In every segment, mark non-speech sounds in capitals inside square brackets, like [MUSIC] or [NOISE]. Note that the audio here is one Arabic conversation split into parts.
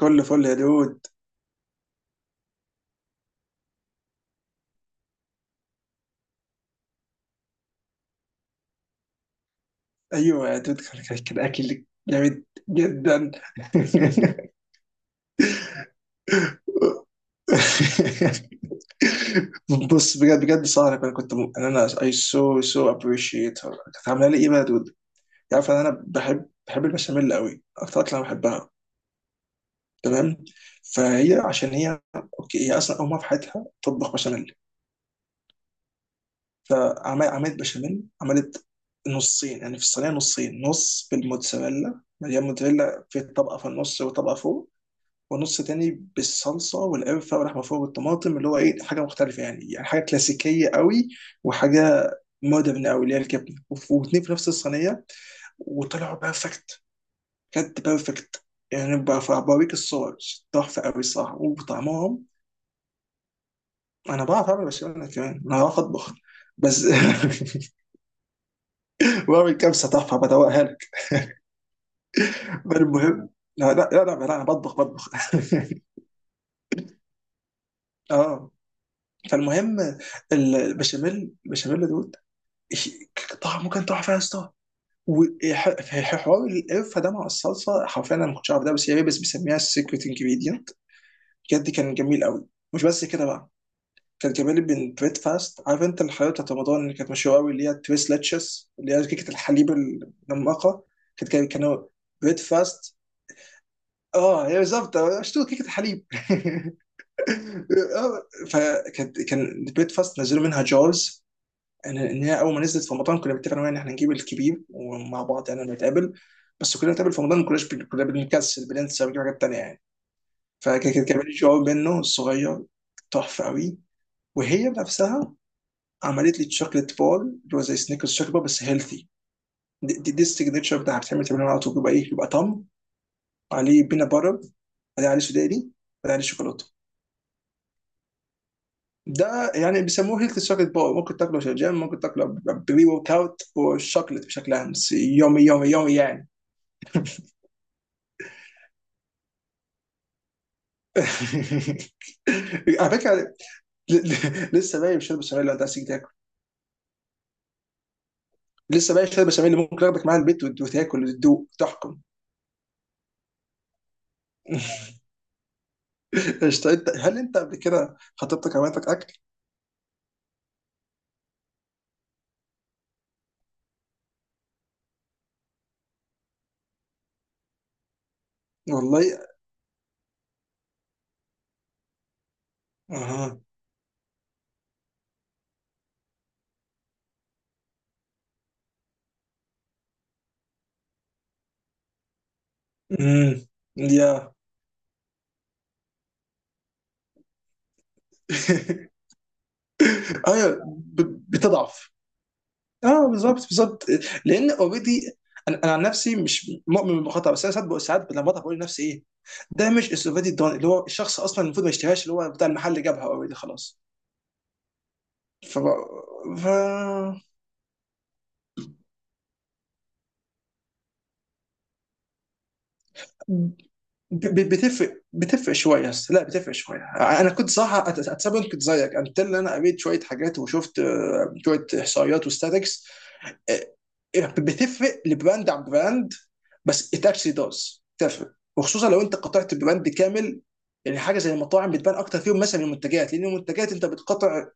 كل فل يا دود. ايوه يا دود، كان اكل جامد جدا. [LAUGHS] بص بجد بجد سهرة. انا انا I so so appreciate her. كانت عامله لي ايه بقى يا دود؟ عارف ان انا بحب البشاميل قوي، اكتر اكله انا بحبها. تمام. فهي عشان هي اوكي هي اصلا اول مره في حياتها تطبخ بشاميل. فعملت بشاميل، عملت نصين يعني في الصينيه. نصين، نص بالموتزاريلا مليان موتزاريلا في طبقه في النص وطبقه فوق، ونص تاني بالصلصه والقرفه واللحمه فوق والطماطم اللي هو ايه حاجه مختلفه، يعني حاجه كلاسيكيه قوي وحاجه مودرن قوي اللي هي الجبنه، واتنين في نفس الصينيه. وطلعوا بيرفكت، بجد بيرفكت. يعني بوريك الصور تحفه قوي الصراحه، وطعمهم. انا بعرف اعمل بشاميل، أنا كمان انا بعرف اطبخ. بس [LAUGHS] بعمل كبسه تحفه، بدوقها. بل المهم، لا لا لا لا، لا انا بطبخ بطبخ [LAUGHS] اه، فالمهم البشاميل دوت. إيش- طعمه كان تحفه يا اسطى. وحوار القرفه ده مع الصلصه حرفيا، انا ما كنتش عارف ده، بس هي بيسميها السيكريت انجريدينت. بجد كان جميل قوي. مش بس كده بقى، كان جميل بالبريد فاست. عارف انت الحلويات بتاعت رمضان اللي كانت مشهوره قوي، اللي هي التريس لاتشس اللي هي كيكه الحليب المنمقه؟ كانوا بريد فاست. اه، هي بالظبط شو كيكه الحليب [LAUGHS] آه، كان بريكفاست، نزلوا منها جارز. ان هي اول ما نزلت في رمضان كنا بنتفق انا وهي ان احنا نجيب الكبير ومع بعض، يعني لما نتقابل. بس كلنا بنتقابل في رمضان، ما كناش كنا بنكسل، بننسى ونجيب حاجات تانية يعني. كان جار منه الصغير، تحفه قوي. وهي بنفسها عملت لي تشوكلت بول اللي هو زي سنيكرز شوكليت بول بس هيلثي. دي السيجنتشر بتاعها. بتعمل تمرين على طول، بيبقى ايه، بيبقى طم عليه بينا باتر، بعدين عليه سوداني، بعدين عليه شوكولاته. ده يعني بيسموه هيلث شوكليت باور، ممكن تاكله في الجيم، ممكن تاكله بري ورك اوت والشوكليت بشكل عام، بس يومي يومي يومي يعني. [LAUGHS] على فكره، لسه باقي شرب بشاميل لو انت عايز تيجي تاكل. لسه باقي شرب بشاميل اللي ممكن اخدك معايا البيت وتاكل وتدوق تحكم. [LAUGHS] قشطة. انت، هل انت قبل كده خطيبتك عملتك اكل؟ والله. اها. امم. يا [LAUGHS] ايوه، بتضعف. اه بالظبط بالظبط. لان اوريدي، انا عن نفسي مش مؤمن بالخطا، بس انا ساعات ساعات لما بضحك بقول لنفسي ايه ده؟ مش السوفيتي الدون اللي هو الشخص اصلا المفروض ما يشتريهاش، اللي هو بتاع المحل جابها اوريدي خلاص. ف ف بتفرق شويه، بس لا بتفرق شويه. انا كنت صراحه اتسبب كنت زيك انت، اللي انا قريت شويه حاجات وشفت شويه احصائيات وستاتكس. آه، بتفرق لبراند عن براند، بس ات اكشلي داز تفرق، وخصوصا لو انت قطعت براند كامل. يعني حاجه زي المطاعم بتبان اكتر فيهم مثلا من المنتجات، لان المنتجات انت بتقطع،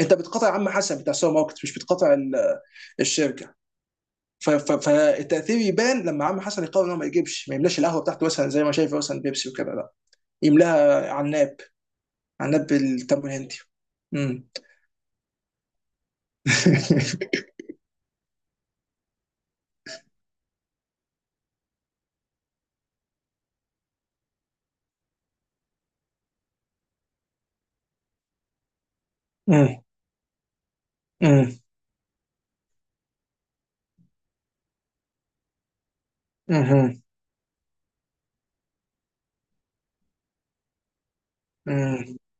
انت بتقطع عم حسن بتاع سوبر ماركت، مش بتقطع الشركه. فالتاثير يبان لما عم حسن يقرر ان هو ما يملاش القهوه بتاعته، مثلا زي ما شايف مثلا بيبسي وكده، لا، يملاها عناب، عناب بالتمر الهندي. امم. امم. امم. [LAUGHS]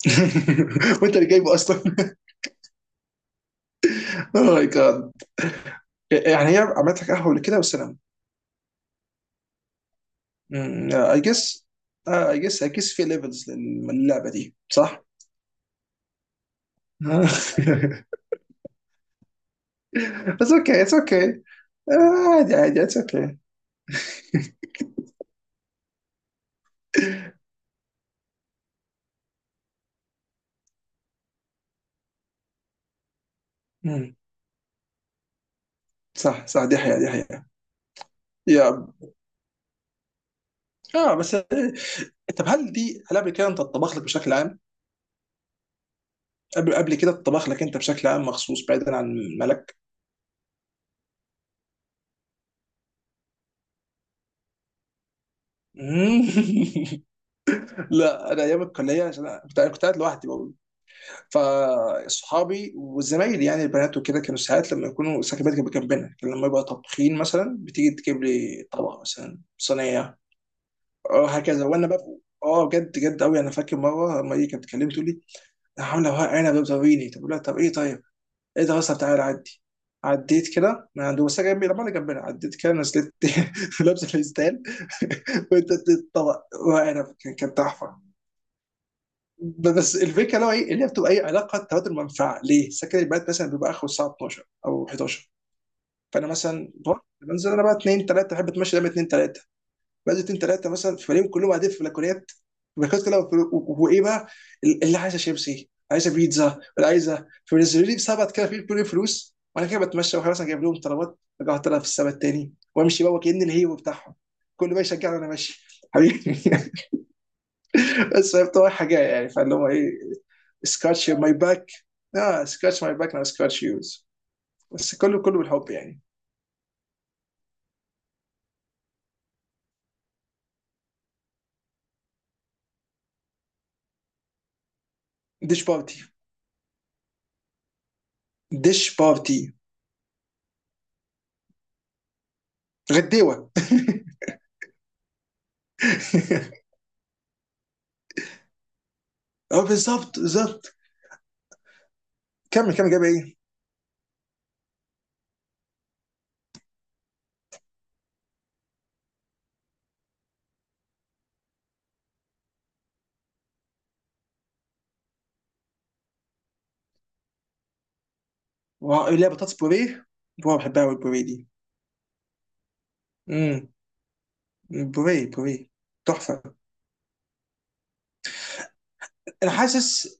[LAUGHS] وانت اللي جايبه اصلا [LAUGHS] اوه ماي جاد! يعني هي عملت لك قهوه كده والسلام؟ اي جس اي جس في ليفلز للعبه دي، صح؟ [LAUGHS] بس اوكي، اتس اوكي. عادي عادي، اتس اوكي. صح صح، دي حقيقة، دي حقيقة. يا اه بس، طب هل قبل كده انت اتطبخ لك بشكل عام؟ قبل كده اتطبخ لك انت بشكل عام، مخصوص، بعيدا عن ملك؟ [LAUGHS] لا، انا ايام الكلية عشان أنا كنت قاعد لوحدي. فاصحابي وزمايلي يعني البنات وكده كانوا ساعات لما يكونوا سكبات كانت جنبنا، كان لما يبقى طابخين مثلا بتيجي تجيب لي طبق مثلا صينيه. اه هكذا، وانا بقى اه بجد بجد قوي. انا فاكر مره لما هي كانت بتكلمني تقول لي انا عامله ورق عنب بتوريني. طب أقول لها طب ايه، طيب ايه ده اصلا؟ تعالى عدي. عديت كده من عند بس جنبي، لما انا جنبنا عديت كده، نزلت [LAUGHS] لابسه فستان [LAUGHS] وانت الطبق ورق عنب، كان تحفه. بس الفكره اللي هو ايه، اللي هي بتبقى ايه، علاقه تبادل منفعه. ليه؟ سكن البنات مثلا بيبقى اخره الساعه 12 او 11. فانا مثلا بروح بنزل، انا بقى 2 3 بحب اتمشى دايما 2 3. بنزل 2 3 مثلا فبلاقيهم كلهم قاعدين في بلكونات، بلكونات كلها. وايه بقى، اللي عايزه شيبسي، عايزه بيتزا، اللي عايزه، فبينزلوا لي بسبت كده في كل فلوس، وانا كده بتمشى واحد مثلا جايب لهم طلبات. رجعت لها في السبت التاني وامشي بقى، كأن الهيبه بتاعهم كل ما يشجعني وانا ماشي، حبيبي [LAUGHS] بس فهي بتبقى حاجه يعني، فاللي هو ايه، سكراتش ماي باك. اه، سكراتش ماي باك ناو سكراتش يوز. بس كله كله بالحب يعني. ديش بارتي. ديش بارتي. غديوه. [LAUGHS] اه بالظبط بالظبط. كمل كمل، جاب ايه؟ واو، لا، بطاطس بوريه. واو بحبها قوي البوريه دي. امم. بوريه بوريه تحفه. انا حاسس،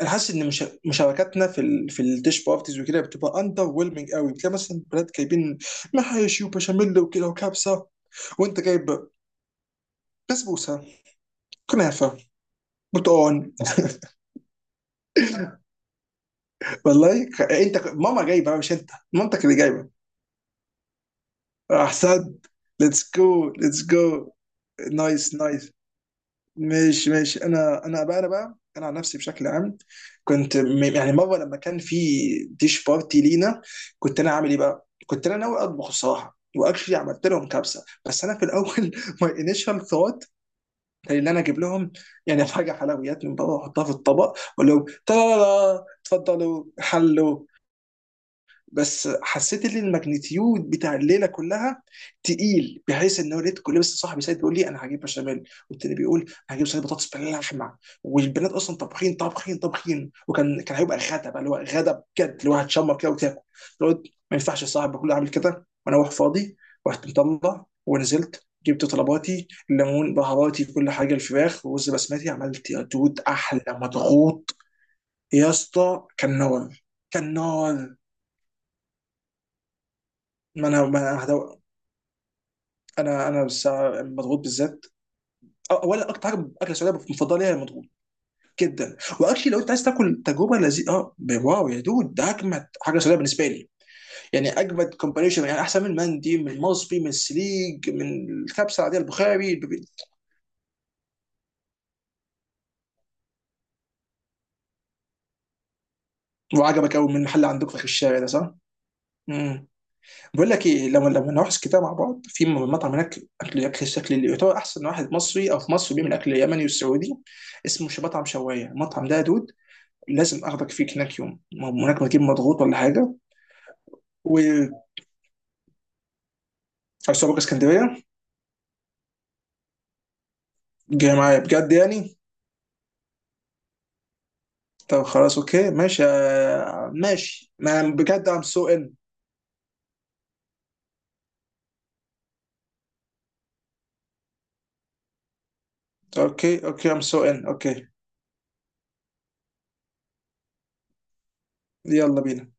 ان مش... مشاركاتنا في في الديش بارتيز وكده بتبقى اندر ويلمنج قوي. بتلاقي مثلا بلاد جايبين محاشي وبشاميل وكده وكبسه، وانت جايب بسبوسه، كنافه، بطون [LAUGHS] والله، ماما جايبه، مش انت، مامتك اللي جايبه. احسن. ليتس جو ليتس جو. نايس نايس. ماشي ماشي، انا عن نفسي بشكل عام، يعني مره لما كان في ديش بارتي لينا، كنت انا عامل ايه بقى؟ كنت انا ناوي اطبخ الصراحه، واكشلي عملت لهم كبسه، بس انا في الاول [LAUGHS] ماي انيشال ثوت كان ان انا اجيب لهم يعني حاجه حلويات من بره واحطها في الطبق واقول لهم اتفضلوا، حلوا. بس حسيت ان الماجنتيود بتاع الليله كلها تقيل، بحيث ان هو لقيت كل، بس صاحبي سيد بيقول لي انا هجيب بشاميل، والتاني بيقول انا هجيب صينيه بطاطس باللحمه، والبنات اصلا طابخين طابخين طابخين، وكان هيبقى غدا بقى اللي هو غدا بجد، اللي هو هتشمر كده وتاكل، اللي هو ما ينفعش صاحبي كله عامل كده وانا واقف فاضي. رحت مطلع ونزلت، جبت طلباتي الليمون بهاراتي كل حاجه، الفراخ، ورز بسمتي، عملت يا دود احلى مضغوط. يا اسطى كان نار، كان نار. ما انا ما انا هدو... انا بس مضغوط بالذات. اولا اكتر حاجه اكله سعوديه مفضله ليا المضغوط جدا. واكشلي لو انت عايز تاكل تجربه لذيذه، اه، واو يا دود، ده اجمد حاجه سعوديه بالنسبه لي، يعني اجمد كومبانيشن، يعني احسن من المندي، من المصبي، من السليج، من الكبسه العاديه، البخاري، وعجبك قوي من محل عندكم في آخر الشارع ده، صح؟ امم. بقول لك ايه، لما نروح كده مع بعض في مطعم هناك، اكل الشكل اللي يعتبر احسن واحد مصري او في مصر بيعمل اكل يمني والسعودي، اسمه مش مطعم شوايه المطعم ده يا دود. لازم اخدك فيه هناك يوم، ما هو هناك بجيب مضغوط ولا حاجه. وعايز اسكندريه؟ جاي معايا بجد يعني؟ طب خلاص اوكي ماشي، ماشي، ما أنا بجد ام سو ان. اوكي اوكي ام سو ان اوكي. يلا بينا.